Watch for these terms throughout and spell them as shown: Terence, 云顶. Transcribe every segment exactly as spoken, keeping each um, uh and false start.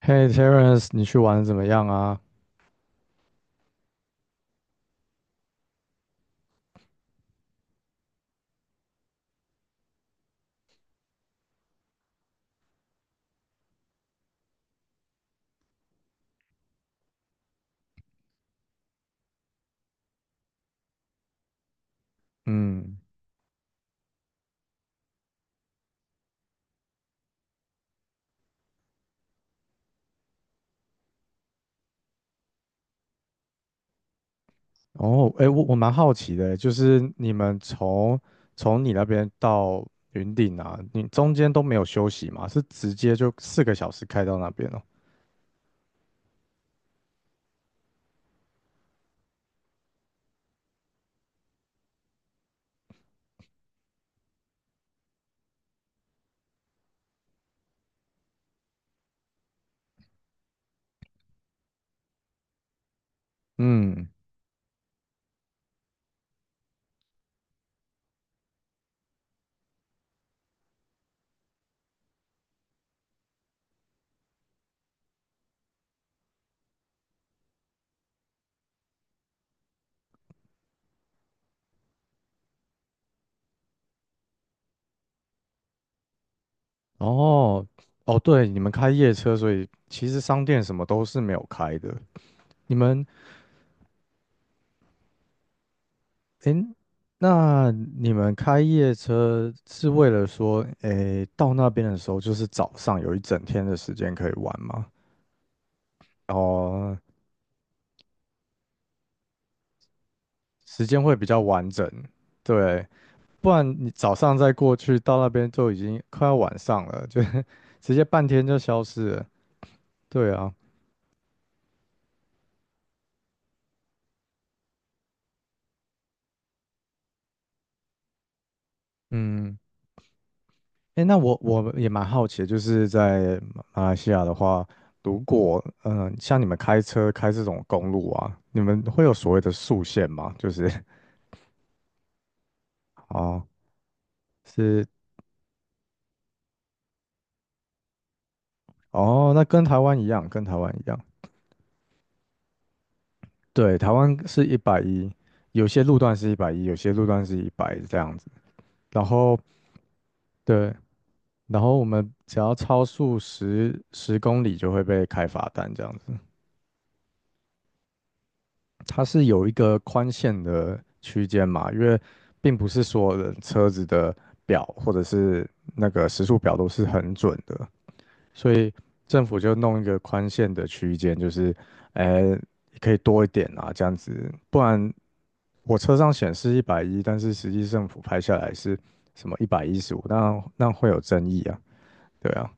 嘿，Terence，你去玩的怎么样啊？嗯，哦，哎，我我蛮好奇的，就是你们从从你那边到云顶啊，你中间都没有休息吗？是直接就四个小时开到那边哦？嗯，哦，哦，对，你们开夜车，所以其实商店什么都是没有开的。你们，哎，那你们开夜车是为了说，哎，到那边的时候就是早上有一整天的时间可以玩吗？哦。时间会比较完整，对，不然你早上再过去到那边就已经快要晚上了，就 直接半天就消失了。对啊，嗯，诶，那我我也蛮好奇的，就是在马来西亚的话，如果嗯、呃像你们开车开这种公路啊，你们会有所谓的速限吗？就是 哦是哦，那跟台湾一样，跟台湾一样，对，台湾是一百一，有些路段是一百一，有些路段是一百这样子，然后。对，然后我们只要超速十十公里就会被开罚单这样子。它是有一个宽限的区间嘛，因为并不是所有人车子的表或者是那个时速表都是很准的，所以政府就弄一个宽限的区间，就是，呃，可以多一点啊这样子，不然我车上显示一百一，但是实际政府拍下来是什么一百一十五，那那会有争议啊，对啊。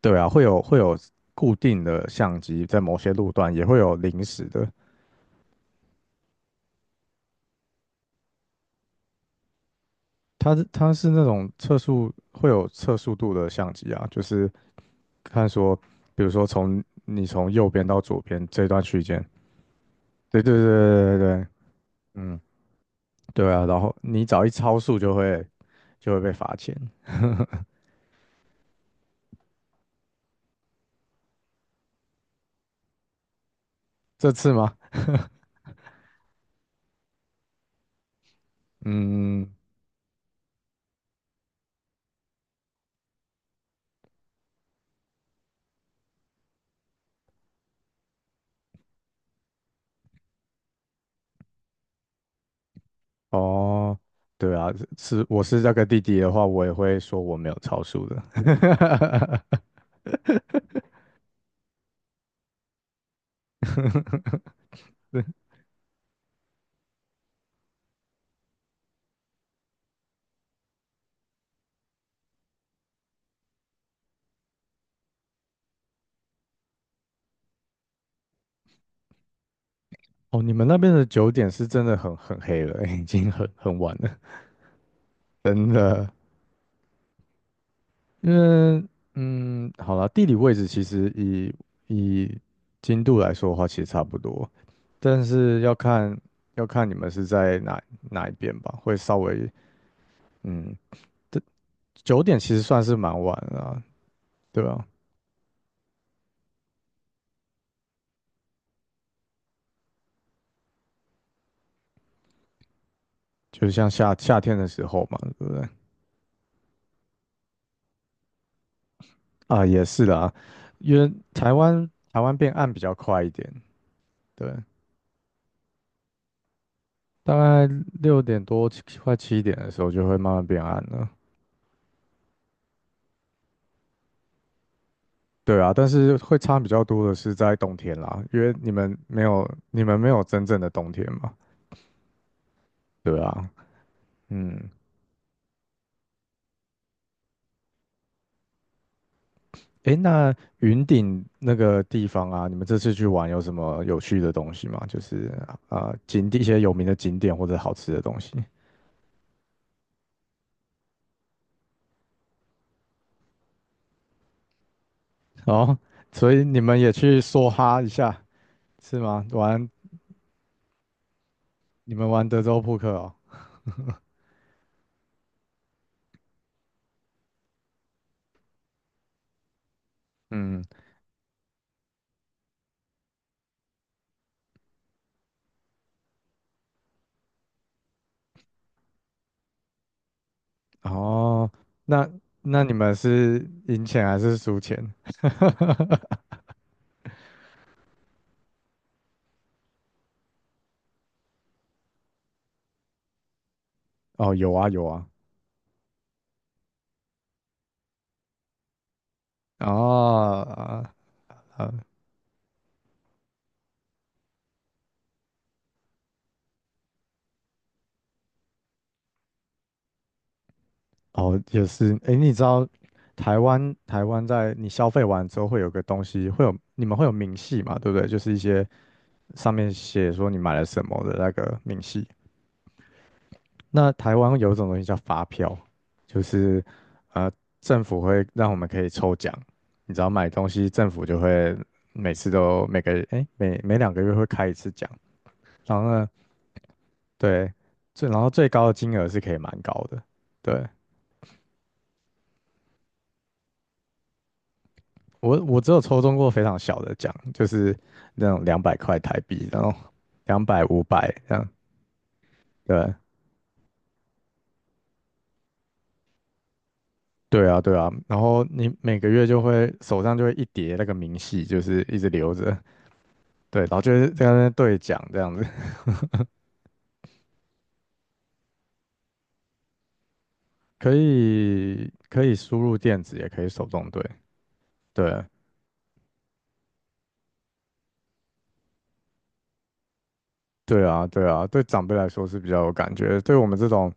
对啊，会有会有固定的相机，在某些路段也会有临时的。它是它是那种测速会有测速度的相机啊，就是看说，比如说从你从右边到左边这段区间，对对对对对对，嗯，对啊，然后你只要一超速就会就会被罚钱。这次吗？嗯，哦，对啊，是我是那个弟弟的话，我也会说我没有超速的。哦，你们那边的九点是真的很很黑了，已经很很晚了，真的。因为，嗯，好啦，地理位置其实以以经度来说的话，其实差不多，但是要看要看你们是在哪哪一边吧，会稍微，嗯，这九点其实算是蛮晚了啊，对吧？就是像夏夏天的时候嘛，对不对？啊，也是啦，因为台湾台湾变暗比较快一点，对。大概六点多七快七点的时候就会慢慢变暗了。对啊，但是会差比较多的是在冬天啦，因为你们没有你们没有真正的冬天嘛。对啊，嗯，诶，那云顶那个地方啊，你们这次去玩有什么有趣的东西吗？就是呃景点一些有名的景点或者好吃的东西。哦，所以你们也去梭哈一下是吗？玩你们玩德州扑克哦。嗯。哦，那那你们是赢钱还是输钱？哦，有啊有啊，哦啊啊哦也是，诶，你知道台湾台湾在你消费完之后会有个东西，会有你们会有明细嘛，对不对？就是一些上面写说你买了什么的那个明细。那台湾有一种东西叫发票，就是呃政府会让我们可以抽奖，你只要买东西，政府就会每次都每个诶每每两个月会开一次奖。然后呢，对，最然后最高的金额是可以蛮高的。对，我我只有抽中过非常小的奖，就是那种两百块台币，然后两百、五百这样。对，对啊，对啊。然后你每个月就会手上就会一叠那个明细，就是一直留着。对，然后就是在那边兑奖这样子，可以可以输入电子，也可以手动兑。对，对啊，对啊，对长辈来说是比较有感觉，对我们这种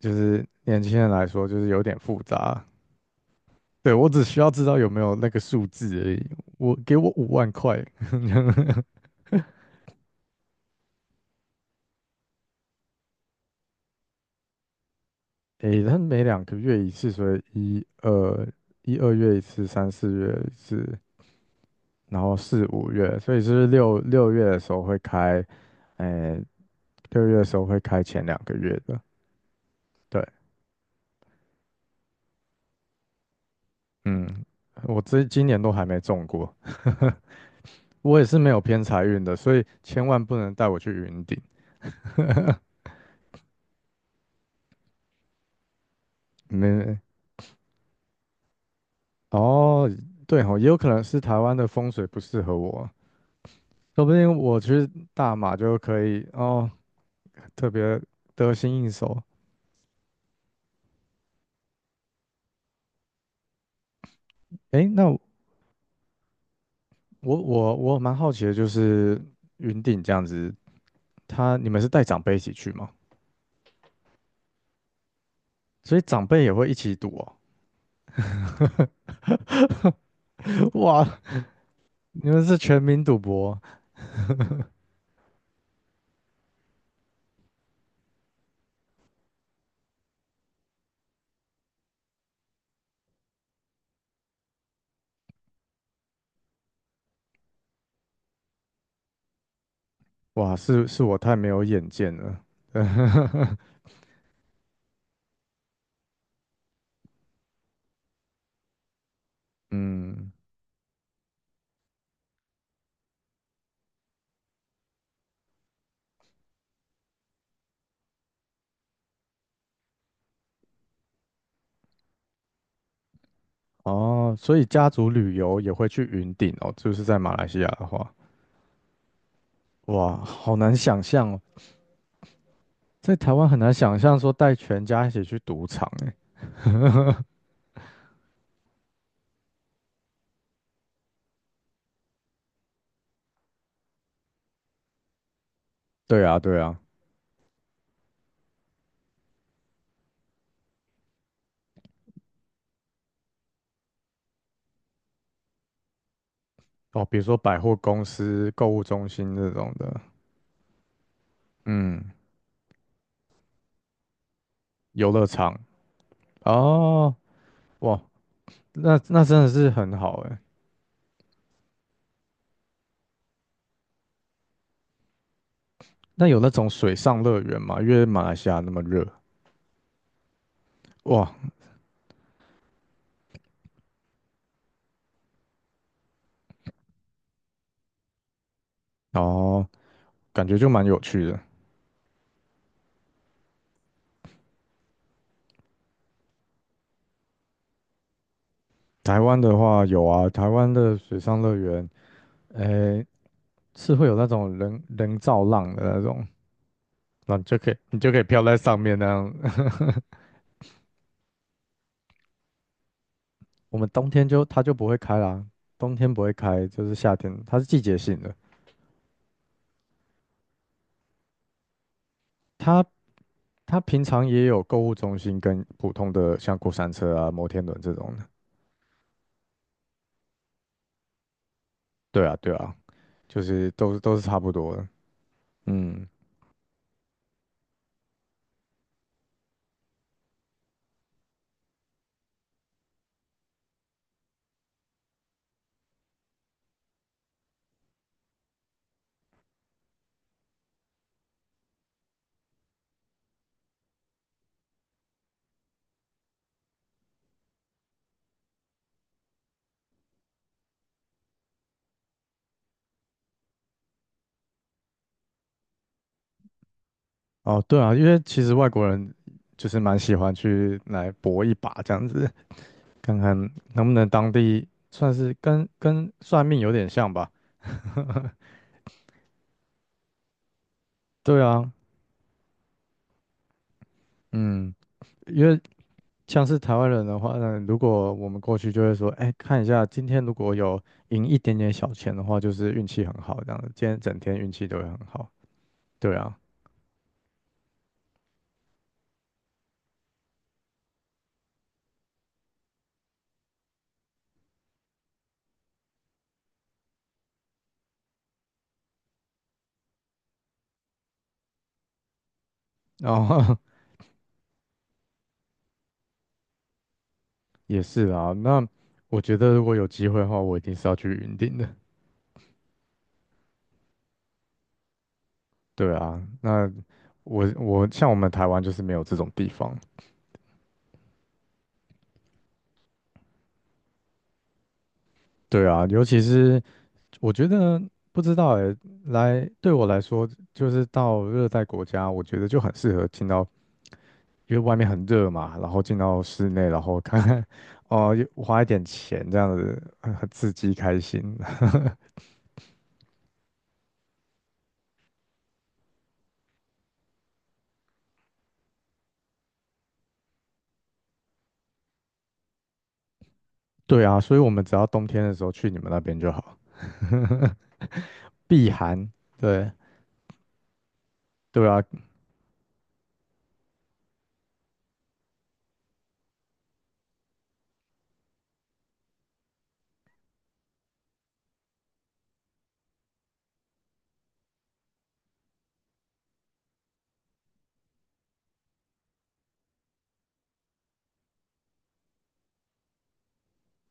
就是年轻人来说，就是有点复杂。对，我只需要知道有没有那个数字而已。我给我五万块，诶，他每两个月一次，所以一二一二月一次，三四月一次，然后四五月，所以是六六月的时候会开，诶，六月的时候会开前两个月的。对，嗯，我这今年都还没中过，我也是没有偏财运的，所以千万不能带我去云顶。没哦，对哦，也有可能是台湾的风水不适合我，说不定我去大马就可以哦，特别得心应手。诶，那我我我蛮好奇的，就是云顶这样子，他你们是带长辈一起去吗？所以长辈也会一起赌哦？哇，你们是全民赌博？哇，是是我太没有眼见了。嗯，哦，所以家族旅游也会去云顶哦，就是在马来西亚的话。哇，好难想象哦。在台湾很难想象说带全家一起去赌场诶。哎对啊，对啊，哦，比如说百货公司、购物中心这种的，嗯，游乐场，哦，哇，那那真的是很好诶。欸那有那种水上乐园吗？因为马来西亚那么热，哇，哦，感觉就蛮有趣的。台湾的话有啊，台湾的水上乐园，诶，是会有那种人人造浪的那种，那你就可以你就可以飘在上面那样我们冬天就它就不会开啦，冬天不会开，就是夏天，它是季节性的。它它平常也有购物中心跟普通的像过山车啊、摩天轮这种的。对啊，对啊，就是都是都是差不多的。嗯，哦，对啊，因为其实外国人就是蛮喜欢去来搏一把这样子，看看能不能当地算是跟跟算命有点像吧。对啊，嗯，因为像是台湾人的话呢，如果我们过去就会说，哎，看一下今天如果有赢一点点小钱的话，就是运气很好这样子，今天整天运气都会很好。对啊，然后 也是啊，那我觉得如果有机会的话，我一定是要去云顶的。对啊，那我我像我们台湾就是没有这种地方。对啊，尤其是我觉得不知道哎，来对我来说，就是到热带国家，我觉得就很适合进到因为外面很热嘛，然后进到室内，然后 看看，哦，花一点钱这样子，很很刺激开心。对啊，所以我们只要冬天的时候去你们那边就好，避寒。对，对啊，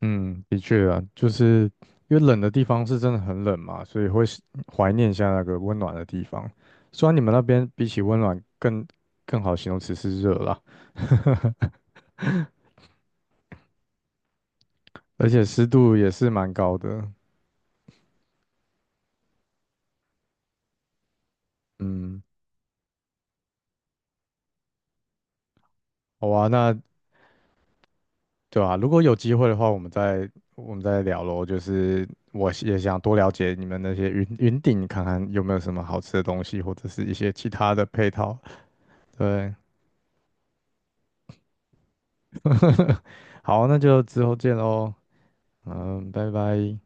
嗯，的确啊，就是因为冷的地方是真的很冷嘛，所以会是怀念一下那个温暖的地方。虽然你们那边比起温暖更更好形容词是热啦，而且湿度也是蛮高的。嗯，好啊，那对啊，如果有机会的话，我们再我们再聊咯。就是我也想多了解你们那些云云顶，看看有没有什么好吃的东西，或者是一些其他的配套。对，好，那就之后见喽。嗯，拜拜。